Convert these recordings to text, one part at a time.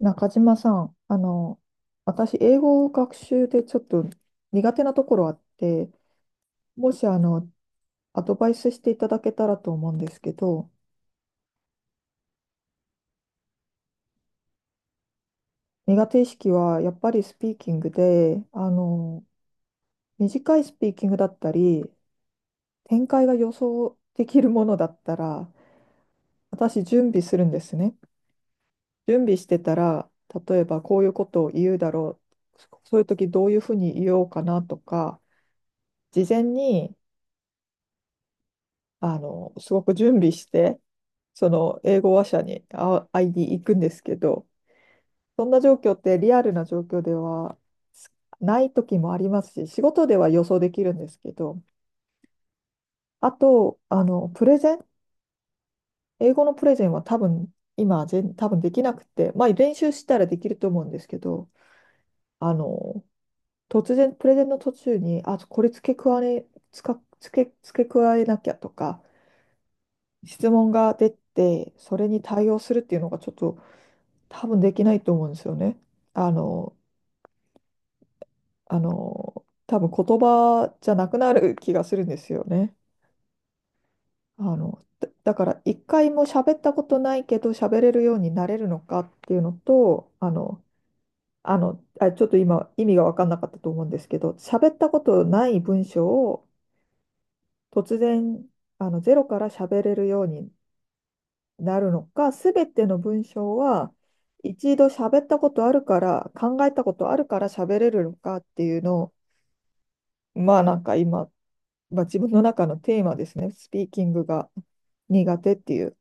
中島さん、私、英語学習でちょっと苦手なところあって、もし、アドバイスしていただけたらと思うんですけど、苦手意識はやっぱりスピーキングで、短いスピーキングだったり、展開が予想できるものだったら、私、準備するんですね。準備してたら、例えばこういうことを言うだろう、そういう時どういうふうに言おうかなとか、事前に、すごく準備して、その英語話者に会いに行くんですけど、そんな状況ってリアルな状況ではすない時もありますし、仕事では予想できるんですけど、あと、プレゼン、英語のプレゼンは多分、今、多分できなくて、まあ、練習したらできると思うんですけど、あの、突然、プレゼンの途中に、あ、これ付け加えなきゃとか、質問が出て、それに対応するっていうのがちょっと、多分できないと思うんですよね。あの、多分言葉じゃなくなる気がするんですよね。だから一回も喋ったことないけど喋れるようになれるのかっていうのと、あ、ちょっと今意味が分かんなかったと思うんですけど、喋ったことない文章を突然ゼロから喋れるようになるのか、すべての文章は一度喋ったことあるから、考えたことあるから喋れるのかっていうのをまあなんか今、まあ、自分の中のテーマですね。スピーキングが苦手っていう。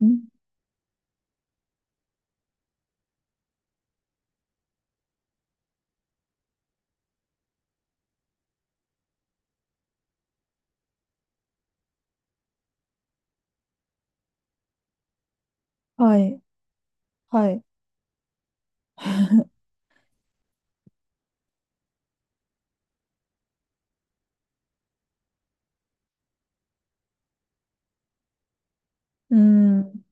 うん。はい。はい。うん。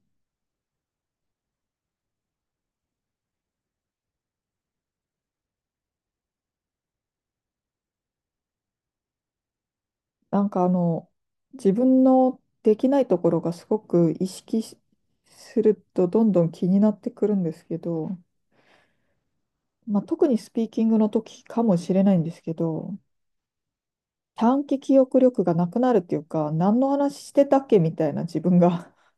なんか自分のできないところがすごく意識するとどんどん気になってくるんですけど、まあ、特にスピーキングの時かもしれないんですけど、短期記憶力がなくなるっていうか、何の話してたっけみたいな自分が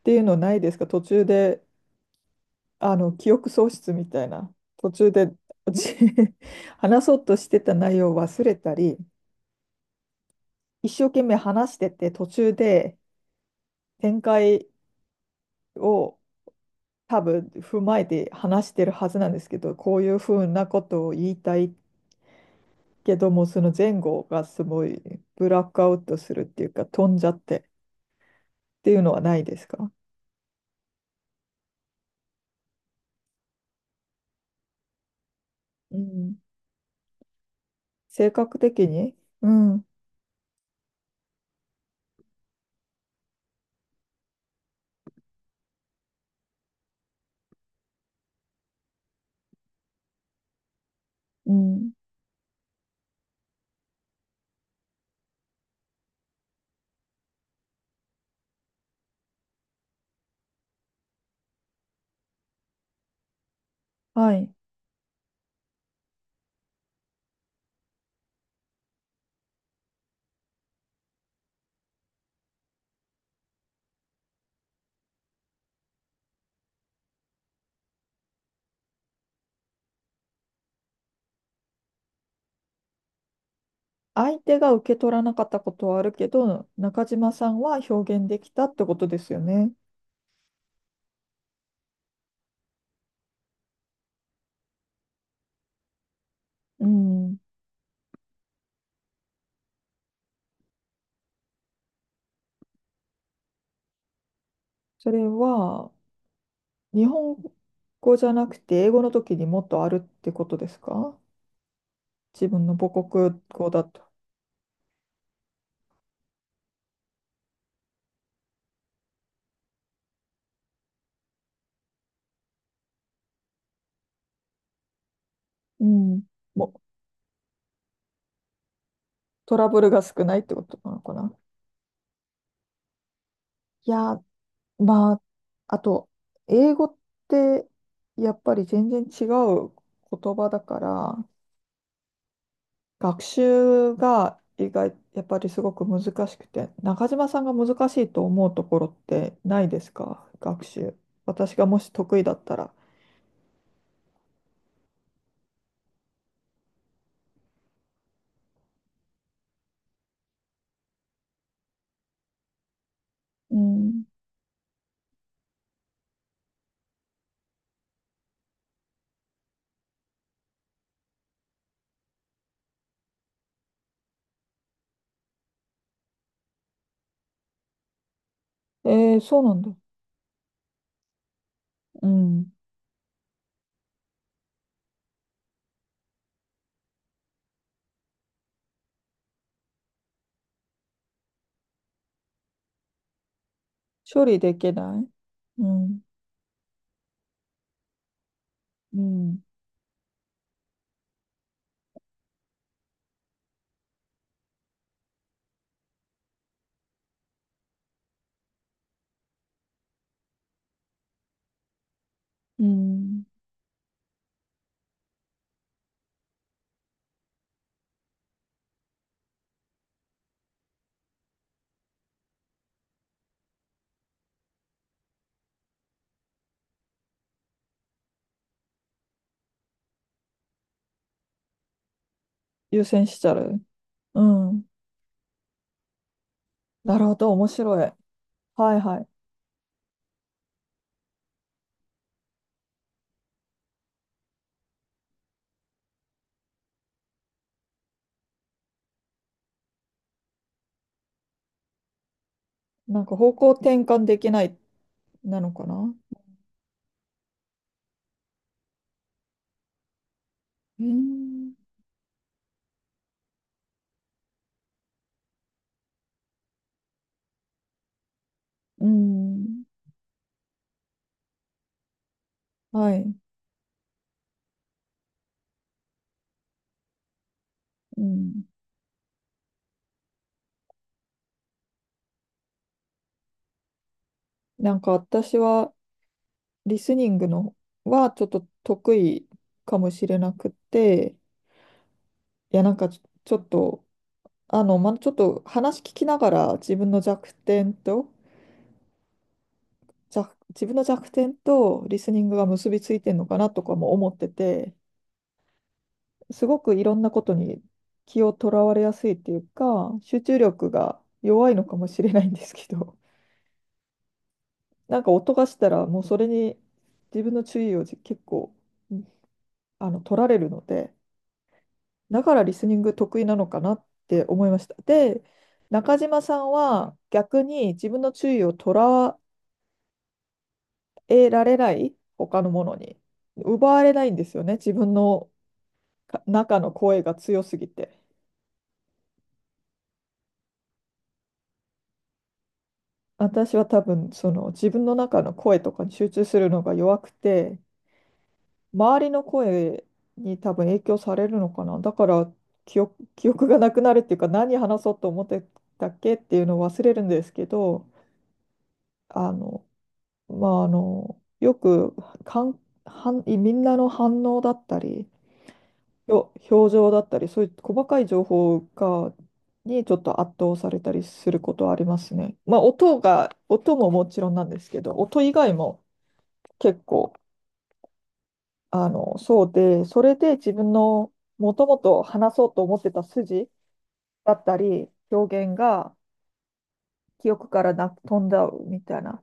っていうのないですか？途中で記憶喪失みたいな、途中でじ 話そうとしてた内容を忘れたり、一生懸命話してて、途中で展開を多分踏まえて話してるはずなんですけど、こういうふうなことを言いたいけども、その前後がすごいブラックアウトするっていうか、飛んじゃってっていうのはないですか？うん。性格的に、うん、うん。はい。相手が受け取らなかったことはあるけど、中島さんは表現できたってことですよね。うん。それは、日本語じゃなくて英語の時にもっとあるってことですか？自分の母国語だと。うん。も、トラブルが少ないってことなのかな。いや、まあ、あと、英語ってやっぱり全然違う言葉だから、学習がやっぱりすごく難しくて、中島さんが難しいと思うところってないですか？学習。私がもし得意だったら。うん。えー、そうなんだ。うん。処理できない。うん。うん。うん。優先しちゃう。うん。なるほど、面白い。はいはい。なんか方向転換できない、なのかな。うん。うん。はい。うん。なんか私は、リスニングのはちょっと得意かもしれなくて、いや、なんかちょっと、話聞きながら自分の弱点と、自分の弱点とリスニングが結びついてるのかなとかも思ってて、すごくいろんなことに気をとらわれやすいっていうか、集中力が弱いのかもしれないんですけど、なんか音がしたらもうそれに自分の注意を結構、取られるので、だからリスニング得意なのかなって思いました。で、中島さんは逆に自分の注意を捉えられない、他のものに。奪われないんですよね、自分の中の声が強すぎて。私は多分、その自分の中の声とかに集中するのが弱くて、周りの声に多分影響されるのかな。だから記憶がなくなるっていうか、何話そうと思ってたっけっていうのを忘れるんですけど、あの、まあ、よくかん、みんなの反応だったり、表情だったり、そういう細かい情報にちょっと圧倒されたりすることはありますね。まあ、音ももちろんなんですけど、音以外も結構、そうで、それで自分のもともと話そうと思ってた筋だったり、表現が記憶から飛んだみたいな。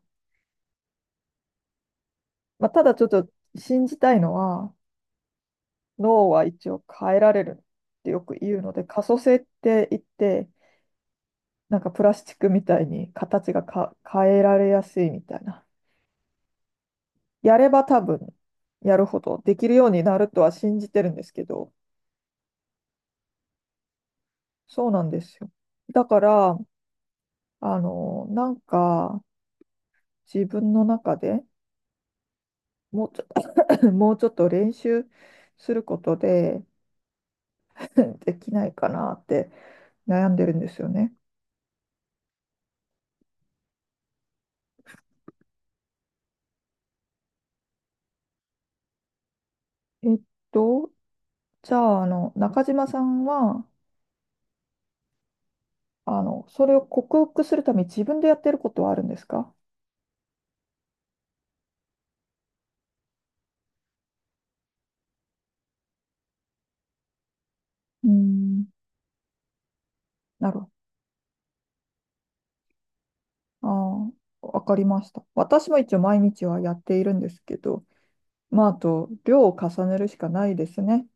まあ、ただちょっと信じたいのは、脳は一応変えられるってよく言うので、可塑性って言って、なんかプラスチックみたいに形が変えられやすいみたいな。やれば多分やるほどできるようになるとは信じてるんですけど、そうなんですよ。だから、なんか自分の中でもうちょ、もうちょっと練習することで できないかなって悩んでるんですよね。えっと、じゃあ、中島さんは、それを克服するために自分でやってることはあるんですか？うーん。なるほど。ああ、わかりました。私も一応毎日はやっているんですけど、まあ、あと、量を重ねるしかないですね。